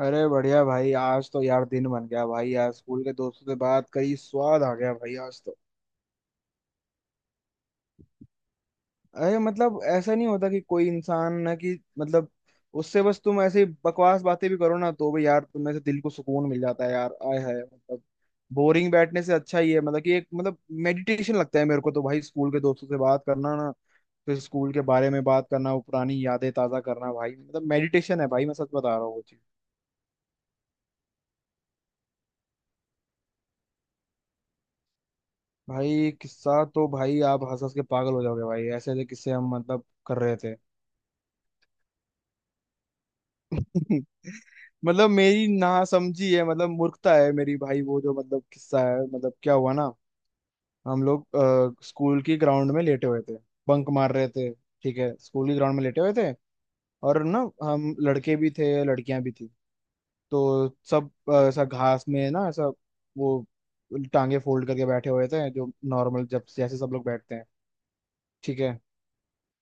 अरे बढ़िया भाई। आज तो यार दिन बन गया भाई। यार स्कूल के दोस्तों से बात करी, स्वाद आ गया भाई आज तो। अरे मतलब ऐसा नहीं होता कि कोई इंसान ना कि मतलब, उससे बस तुम ऐसे ही बकवास बातें भी करो ना तो भी यार, तुम्हें से दिल को सुकून मिल जाता है यार। आय हाय मतलब। बोरिंग बैठने से अच्छा ही है। मतलब कि एक मतलब मेडिटेशन लगता है मेरे को तो भाई, स्कूल के दोस्तों से बात करना ना, फिर स्कूल के बारे में बात करना, वो पुरानी यादें ताजा करना भाई, मतलब मेडिटेशन है भाई। मैं सच बता रहा हूँ। भाई किस्सा तो भाई आप हंस हंस के पागल हो जाओगे भाई। ऐसे ऐसे किस्से हम मतलब कर रहे थे। मतलब मेरी ना समझी है, मतलब मूर्खता है मेरी भाई। वो जो मतलब किस्सा है मतलब, क्या हुआ ना। हम लोग स्कूल की ग्राउंड में लेटे हुए थे। बंक मार रहे थे। ठीक है, स्कूल की ग्राउंड में लेटे हुए थे। और ना, हम लड़के भी थे, लड़कियां भी थी। तो सब ऐसा घास में ना ऐसा। वो टांगे फोल्ड करके बैठे हुए थे जो। नॉर्मल जब जैसे सब लोग बैठते हैं। ठीक है।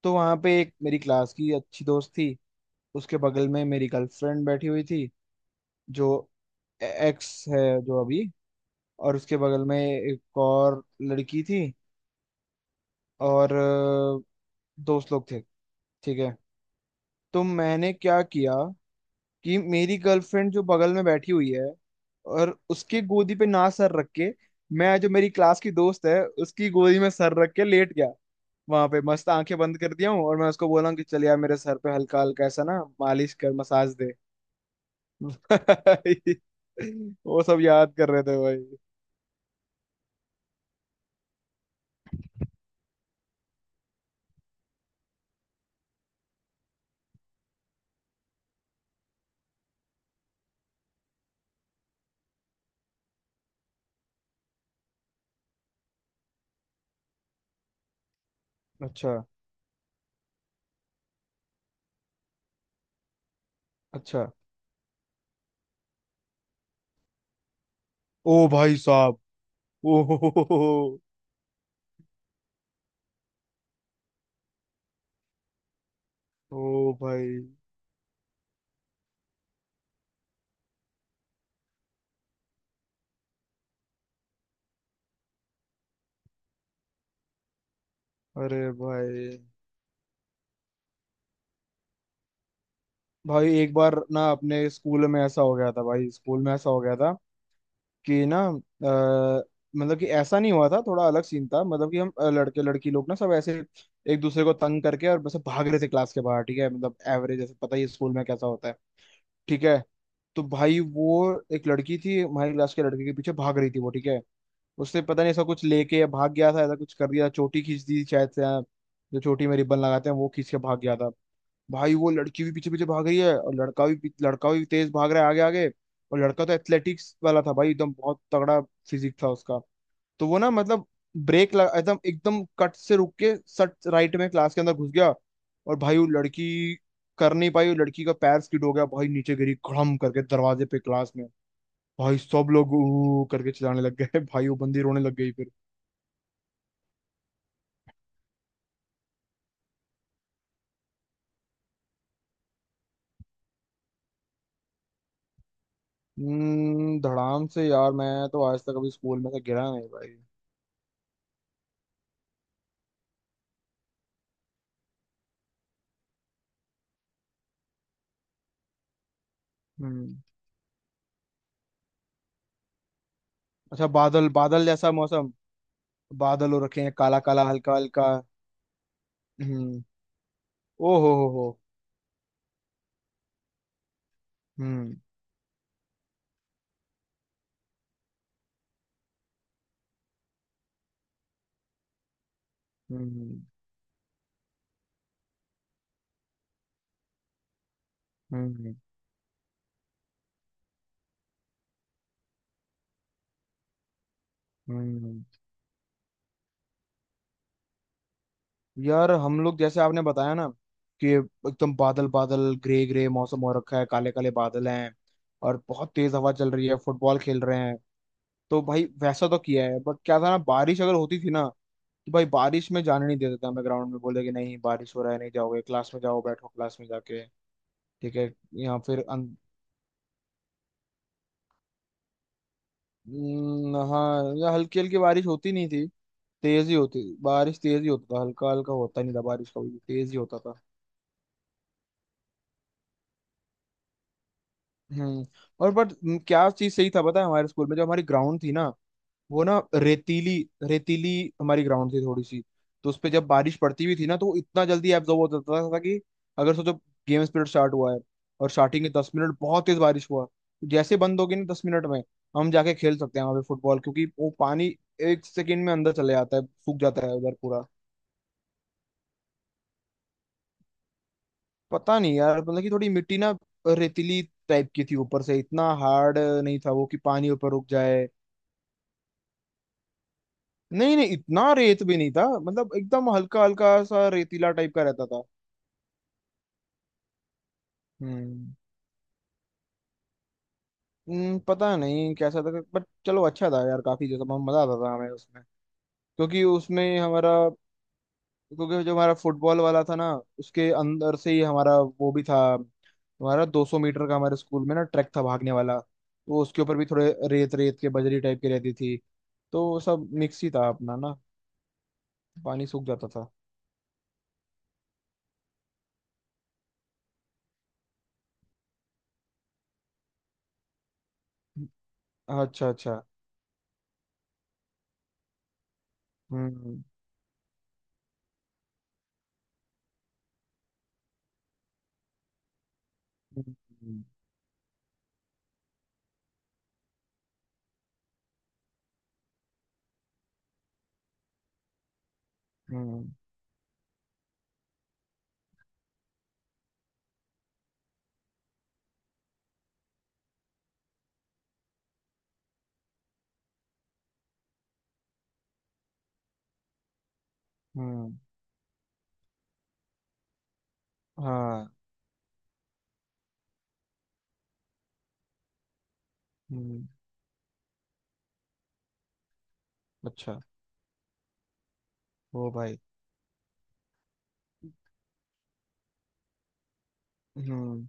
तो वहां पे एक मेरी क्लास की अच्छी दोस्त थी। उसके बगल में मेरी गर्लफ्रेंड बैठी हुई थी। जो एक्स है जो अभी। और उसके बगल में एक और लड़की थी। और दोस्त लोग थे। ठीक है। तो मैंने क्या किया कि मेरी गर्लफ्रेंड जो बगल में बैठी हुई है, और उसके गोदी पे ना सर रख के, मैं जो मेरी क्लास की दोस्त है उसकी गोदी में सर रख के लेट गया। वहां पे मस्त आंखें बंद कर दिया हूँ, और मैं उसको बोला हूँ कि चल यार मेरे सर पे हल्का हल्का ऐसा ना मालिश कर मसाज दे। भाई वो सब याद कर रहे थे भाई। अच्छा, अच्छा। ओ भाई साहब। ओ हो, ओ भाई। अरे भाई। भाई एक बार ना अपने स्कूल में ऐसा हो गया था भाई, स्कूल में ऐसा हो गया था। कि ना मतलब कि ऐसा नहीं हुआ था, थोड़ा अलग सीन था। मतलब कि हम लड़के लड़की लोग ना सब ऐसे। एक दूसरे को तंग करके और बस भाग रहे थे क्लास के बाहर। ठीक है, मतलब एवरेज ऐसे पता ही है स्कूल में कैसा होता है। ठीक है। तो भाई वो एक लड़की थी हमारी क्लास के लड़के के पीछे भाग रही थी वो, ठीक है। उसने पता नहीं ऐसा कुछ लेके या भाग गया था, ऐसा कुछ कर दिया, चोटी खींच दी शायद से हाँ, जो चोटी में रिबन लगाते हैं वो खींच के भाग गया था। भाई वो लड़की भी पीछे पीछे भाग रही है, और लड़का भी तेज भाग रहा है आगे आगे। और लड़का तो एथलेटिक्स वाला था भाई, एकदम बहुत तगड़ा फिजिक था उसका। तो वो ना मतलब ब्रेक लगा, एकदम एकदम कट से रुक के सट राइट में क्लास के अंदर घुस गया। और भाई वो लड़की कर नहीं पाई, वो लड़की का पैर स्किड हो गया भाई, नीचे गिरी खड़म करके दरवाजे पे क्लास में। भाई सब लोग ऊ करके चिल्लाने लग गए भाई वो बंदी रोने लग गई फिर। धड़ाम से यार। मैं तो आज तक अभी स्कूल में से गिरा नहीं भाई। हम्म। अच्छा, बादल बादल जैसा मौसम। बादल हो रखे हैं, काला काला हल्का हल्का। हम्म। ओ हो हो। हम्म, हम्म, हम्म, हम्म। यार हम लोग जैसे आपने बताया ना, कि एकदम बादल बादल ग्रे ग्रे मौसम हो रखा है, काले काले बादल हैं। और बहुत तेज हवा चल रही है, फुटबॉल खेल रहे हैं। तो भाई वैसा तो किया है, बट क्या था ना, बारिश अगर होती थी ना। तो भाई बारिश में जाने नहीं देते थे हमें ग्राउंड में, बोले कि नहीं, बारिश हो रहा है, नहीं जाओगे, क्लास में जाओ, बैठो क्लास में जाके। ठीक है। यहाँ फिर हाँ, या हल्की हल्की बारिश होती नहीं थी। तेज ही होती बारिश, तेज ही होता था, हल्का हल्का होता नहीं था बारिश, कभी भी तेज ही होता था। हम्म। और बट क्या चीज सही था पता है, हमारे स्कूल में जो हमारी ग्राउंड थी ना। वो ना रेतीली रेतीली हमारी ग्राउंड थी थोड़ी सी। तो उस पे जब बारिश पड़ती भी थी ना, तो वो इतना जल्दी एब्जॉर्ब हो जाता था कि, अगर सोचो, गेम पीरियड स्टार्ट हुआ है, और स्टार्टिंग के 10 मिनट बहुत तेज बारिश हुआ, जैसे बंद होगी ना 10 मिनट में, हम जाके खेल सकते हैं वहां पे फुटबॉल, क्योंकि वो पानी एक सेकेंड में अंदर चले जाता है, सूख जाता है उधर पूरा। पता नहीं यार, मतलब कि थोड़ी मिट्टी ना रेतीली टाइप की थी, ऊपर से इतना हार्ड नहीं था वो कि पानी ऊपर रुक जाए। नहीं नहीं, इतना रेत भी नहीं था, मतलब एकदम हल्का हल्का सा रेतीला टाइप का रहता था। हम्म, पता नहीं कैसा था, बट चलो अच्छा था यार, काफी जैसा बहुत मजा आता था हमें उसमें। क्योंकि उसमें हमारा, क्योंकि जो हमारा फुटबॉल वाला था ना, उसके अंदर से ही हमारा वो भी था, हमारा 200 मीटर का हमारे स्कूल में ना ट्रैक था भागने वाला, तो उसके ऊपर भी थोड़े रेत रेत के बजरी टाइप की रहती थी। तो वो सब मिक्स ही था अपना ना। पानी सूख जाता था। अच्छा, अच्छा। हम्म, हम्म, हम्म, हम्म, हम्म, हाँ, हम्म, अच्छा, ओ भाई। हम्म।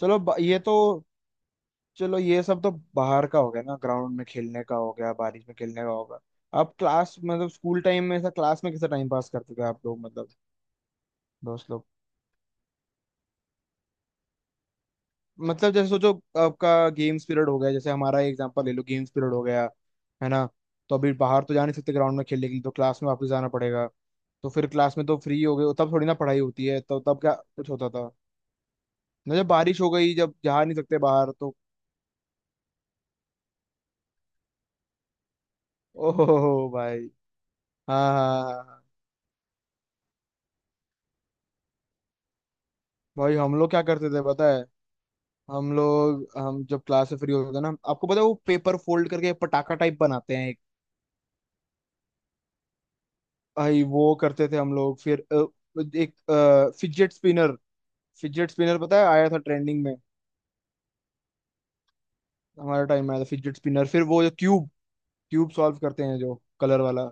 चलो ये तो। चलो ये सब तो बाहर का हो गया ना, ग्राउंड में खेलने का हो गया, बारिश में खेलने का होगा। आप क्लास मतलब स्कूल टाइम में ऐसा क्लास में कैसा टाइम पास करते थे आप लोग, मतलब दोस्त लोग। मतलब जैसे सोचो आपका गेम्स पीरियड हो गया, जैसे हमारा एग्जांपल ले लो, गेम्स पीरियड हो गया। है ना। तो अभी बाहर तो जा नहीं सकते ग्राउंड में खेलने के लिए, तो क्लास में वापस जाना पड़ेगा। तो फिर क्लास में तो फ्री हो गए, तब थोड़ी ना पढ़ाई होती है, तो तब क्या कुछ होता था। ना जब बारिश हो गई, जब जा नहीं सकते बाहर तो। ओहो भाई। हाँ हाँ हाँ हाँ। भाई हम लोग क्या करते थे पता है। हम जब क्लास से फ्री होते थे ना, आपको पता है वो पेपर फोल्ड करके पटाखा टाइप बनाते हैं एक। भाई वो करते थे हम लोग। फिर एक फिजेट स्पिनर। फिजेट स्पिनर पता है आया था ट्रेंडिंग में। हमारे टाइम में आया था फिजेट स्पिनर। फिर वो जो क्यूब, क्यूब सॉल्व करते हैं जो कलर वाला।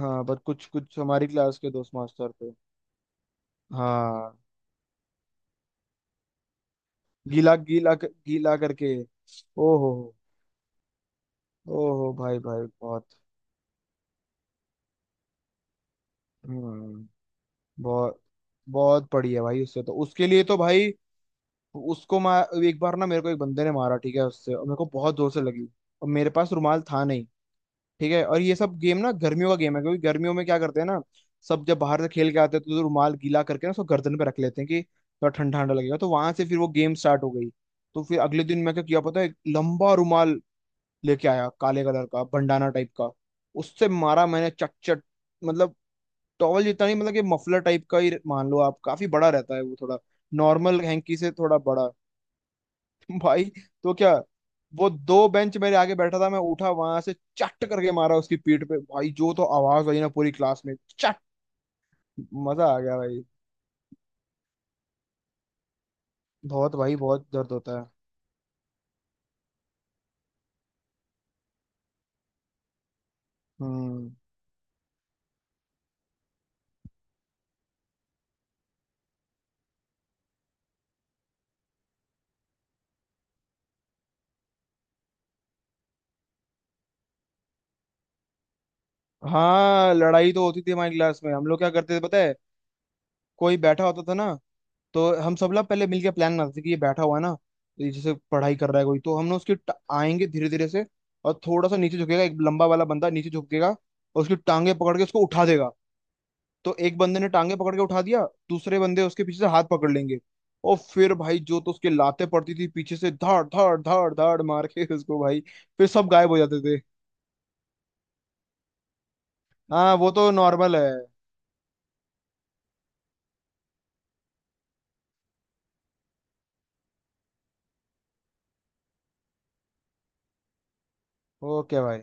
हाँ पर कुछ कुछ हमारी क्लास के दोस्त मास्टर थे। हाँ। गीला गीला गीला करके। ओहो। ओहो भाई भाई बहुत। हम्म। बहुत बहुत पड़ी है भाई उससे तो, उसके लिए तो भाई। उसको मैं एक बार ना मेरे को एक बंदे ने मारा ठीक है उससे, और मेरे को बहुत जोर से लगी। और मेरे पास रुमाल था नहीं। ठीक है, और ये सब गेम ना गर्मियों का गेम है, क्योंकि गर्मियों में क्या करते हैं ना। सब जब बाहर से खेल के आते हैं तो रुमाल गीला करके ना उसको गर्दन पे रख लेते हैं कि थोड़ा ठंडा ठंडा लगेगा, तो वहां से फिर वो गेम स्टार्ट हो गई। तो फिर अगले दिन मैं क्या किया पता है, एक लंबा रुमाल लेके आया काले कलर का भंडाना टाइप का। उससे मारा मैंने चट चट। मतलब टॉवल जितना नहीं, मतलब कि मफलर टाइप का ही मान लो आप, काफी बड़ा रहता है वो थोड़ा, नॉर्मल हैंकी से थोड़ा बड़ा। भाई तो क्या। वो दो बेंच मेरे आगे बैठा था, मैं उठा वहां से चट करके मारा उसकी पीठ पे भाई, जो तो आवाज आई ना पूरी क्लास में। चट। मजा आ गया भाई। बहुत भाई, बहुत दर्द होता है। हम्म। हाँ, लड़ाई तो होती थी हमारी क्लास में। हम लोग क्या करते थे पता है। कोई बैठा होता था ना, तो हम सब लोग पहले मिलके प्लान बनाते थे कि ये बैठा हुआ है ना, तो ये जैसे पढ़ाई कर रहा है कोई, तो हम ना उसके आएंगे धीरे धीरे से। और थोड़ा सा नीचे झुकेगा एक लंबा वाला बंदा नीचे झुकेगा, और उसकी टांगे पकड़ के उसको उठा देगा। तो एक बंदे ने टांगे पकड़ के उठा दिया। दूसरे बंदे उसके पीछे से हाथ पकड़ लेंगे। और फिर भाई जो तो उसके लाते पड़ती थी पीछे से धाड़ धाड़ धाड़ धाड़ मार के उसको भाई। फिर सब गायब हो जाते थे। हाँ, वो तो नॉर्मल है। ओके भाई।